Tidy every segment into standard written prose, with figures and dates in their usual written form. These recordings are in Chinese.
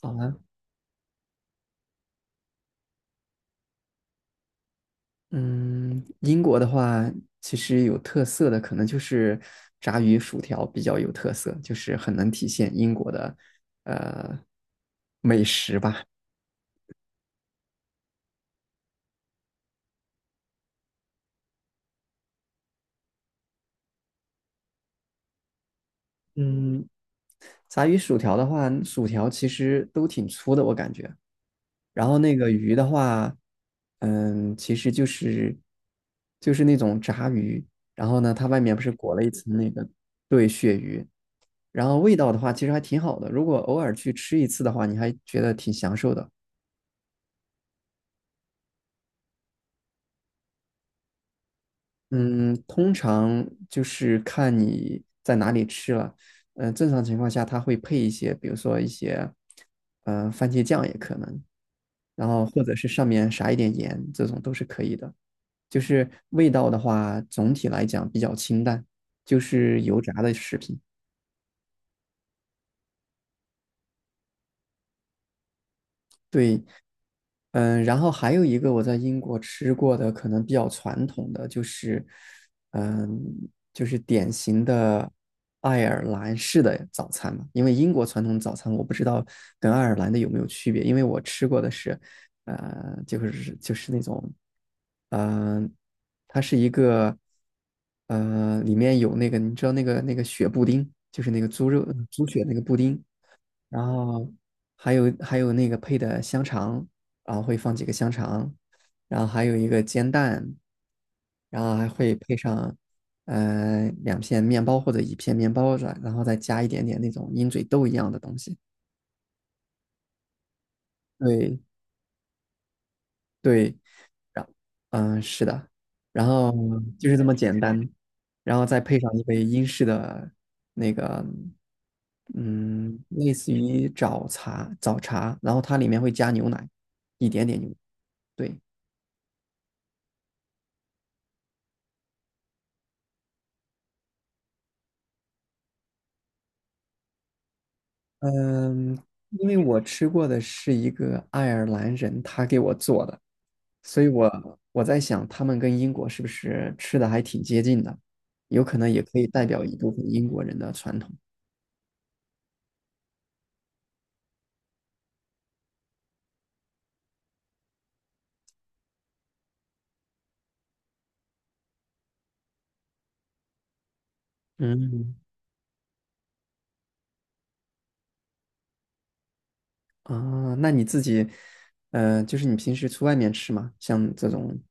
好啊，嗯，英国的话，其实有特色的可能就是炸鱼薯条比较有特色，就是很能体现英国的呃美食吧。嗯，炸鱼薯条的话，薯条其实都挺粗的，我感觉。然后那个鱼的话，其实就是那种炸鱼，然后呢，它外面不是裹了一层那个对鳕鱼，然后味道的话，其实还挺好的。如果偶尔去吃一次的话，你还觉得挺享受的。嗯，通常就是看你在哪里吃了。正常情况下，它会配一些，比如说一些，番茄酱也可能，然后或者是上面撒一点盐，这种都是可以的。就是味道的话，总体来讲比较清淡，就是油炸的食品。对，然后还有一个我在英国吃过的，可能比较传统的就是，嗯，就是典型的爱尔兰式的早餐嘛。因为英国传统早餐我不知道跟爱尔兰的有没有区别，因为我吃过的是，就是那种，嗯、它是一个，里面有那个你知道那个血布丁，就是那个猪肉猪血那个布丁。然后还有那个配的香肠，然后会放几个香肠，然后还有一个煎蛋，然后还会配上两片面包或者一片面包软，然后再加一点点那种鹰嘴豆一样的东西。对对，然是的，然后就是这么简单，然后再配上一杯英式的那个。嗯，类似于早茶，然后它里面会加牛奶，一点点牛。对，嗯，因为我吃过的是一个爱尔兰人，他给我做的，所以我在想，他们跟英国是不是吃的还挺接近的？有可能也可以代表一部分英国人的传统。嗯，那你自己，就是你平时去外面吃吗？像这种，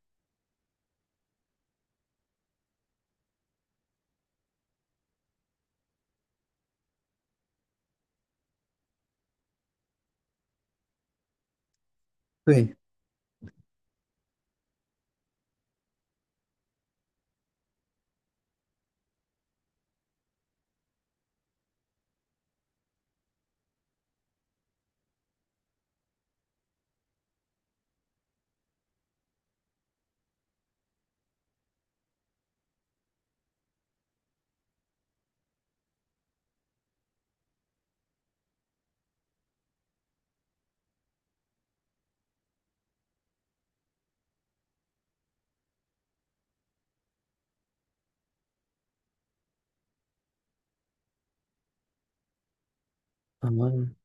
对，嗯，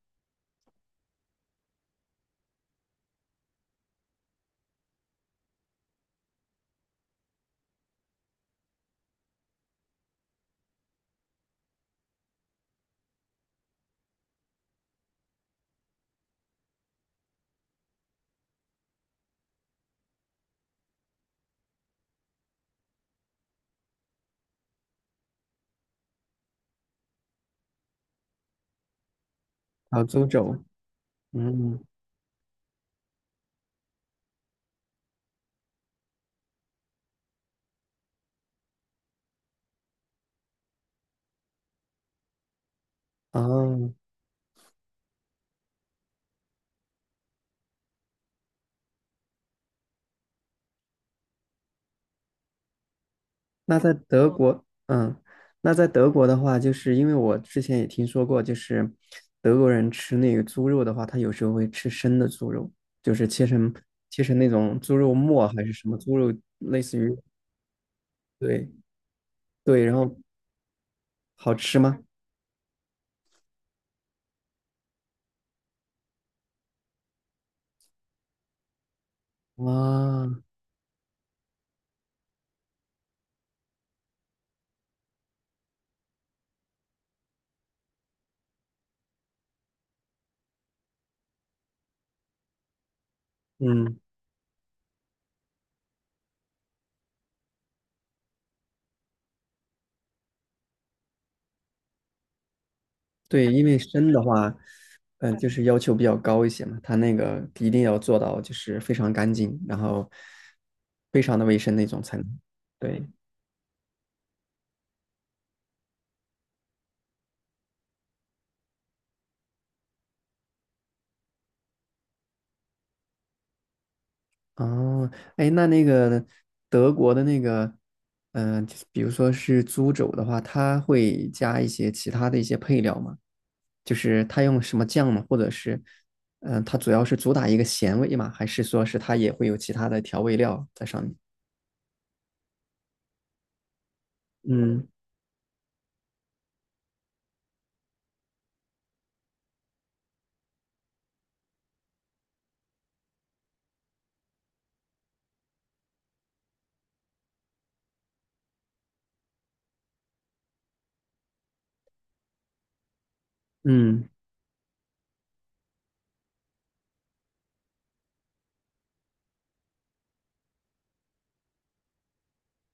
潮猪肘，嗯，啊，那在德嗯国，嗯，那在德国的话，就是因为我之前也听说过，就是德国人吃那个猪肉的话，他有时候会吃生的猪肉，就是切成那种猪肉末还是什么猪肉，类似于，对对，然后好吃吗？啊，嗯，对，因为生的话，就是要求比较高一些嘛，它那个一定要做到就是非常干净，然后非常的卫生那种才能，对。哦，哎，那个德国的那个，就是比如说是猪肘的话，它会加一些其他的一些配料吗？就是它用什么酱吗？或者是，它主要是主打一个咸味嘛，还是说是它也会有其他的调味料在上面？嗯嗯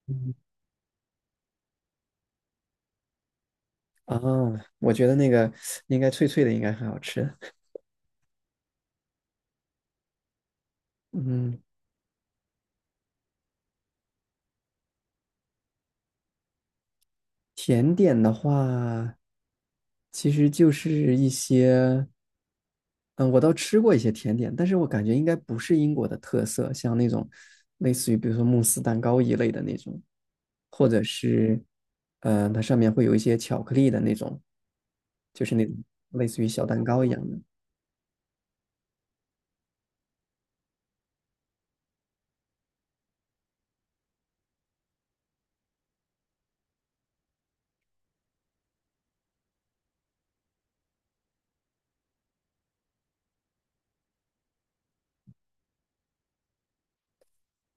嗯，哦，我觉得那个应该脆脆的，应该很好吃。嗯，甜点的话，其实就是一些。嗯，我倒吃过一些甜点，但是我感觉应该不是英国的特色，像那种类似于比如说慕斯蛋糕一类的那种，或者是，它上面会有一些巧克力的那种，就是那种类似于小蛋糕一样的。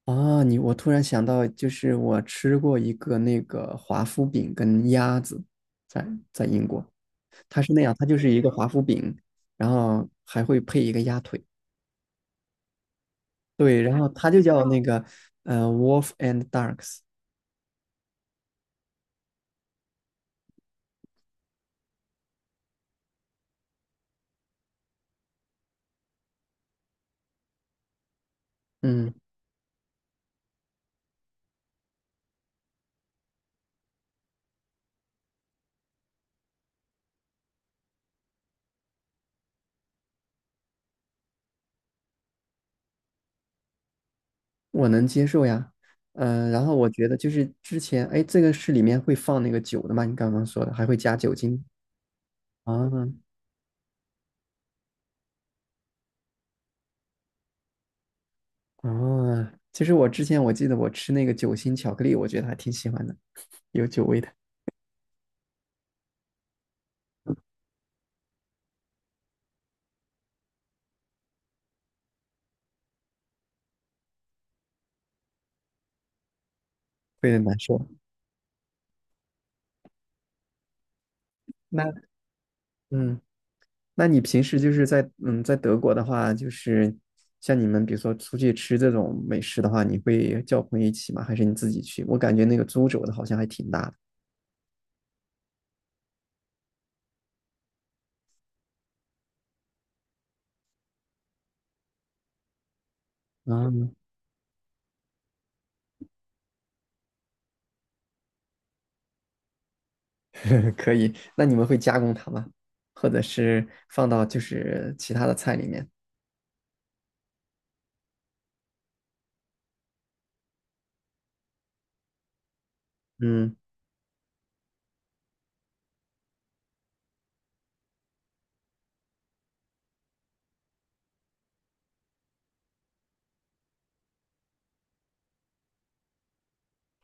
啊，我突然想到，就是我吃过一个那个华夫饼跟鸭子在，在英国，它是那样，它就是一个华夫饼，然后还会配一个鸭腿，对，然后它就叫那个Wolf and Ducks，嗯。我能接受呀，然后我觉得就是之前，哎，这个是里面会放那个酒的吗？你刚刚说的还会加酒精啊啊！其实我之前我记得我吃那个酒心巧克力，我觉得还挺喜欢的，有酒味的，会有点难受。那嗯，那你平时就是在德国的话，就是像你们比如说出去吃这种美食的话，你会叫朋友一起吗？还是你自己去？我感觉那个租酒的好像还挺大的。啊 可以。那你们会加工它吗？或者是放到就是其他的菜里面？嗯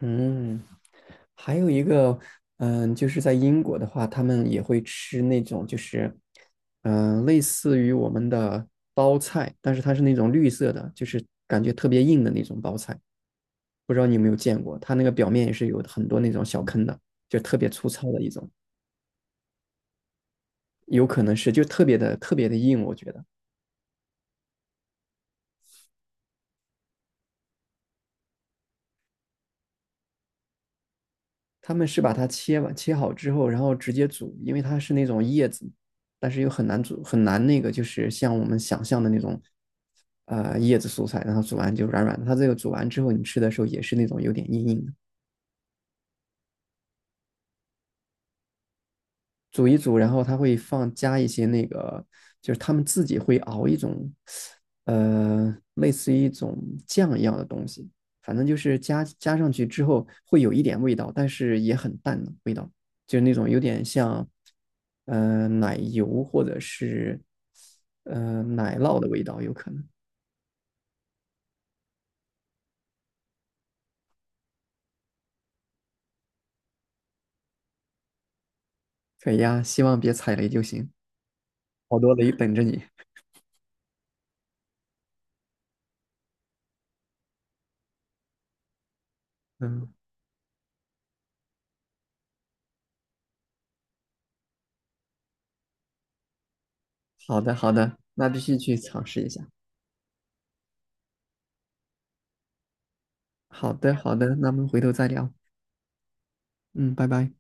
嗯。还有一个，就是在英国的话，他们也会吃那种就是，类似于我们的包菜，但是它是那种绿色的，就是感觉特别硬的那种包菜。不知道你有没有见过，它那个表面也是有很多那种小坑的，就特别粗糙的一种，有可能是就特别的特别的硬，我觉得。他们是把它切完切好之后，然后直接煮，因为它是那种叶子，但是又很难煮，很难那个就是像我们想象的那种，叶子蔬菜，然后煮完就软软的。它这个煮完之后，你吃的时候也是那种有点硬硬的。煮一煮，然后它会放加一些那个，就是他们自己会熬一种，类似于一种酱一样的东西，反正就是加上去之后会有一点味道，但是也很淡的味道，就是那种有点像，奶油或者是奶酪的味道，有可能。可以呀，希望别踩雷就行，好多雷等着你。嗯，好的好的，那必须去尝试一下。好的好的，那我们回头再聊。嗯，拜拜。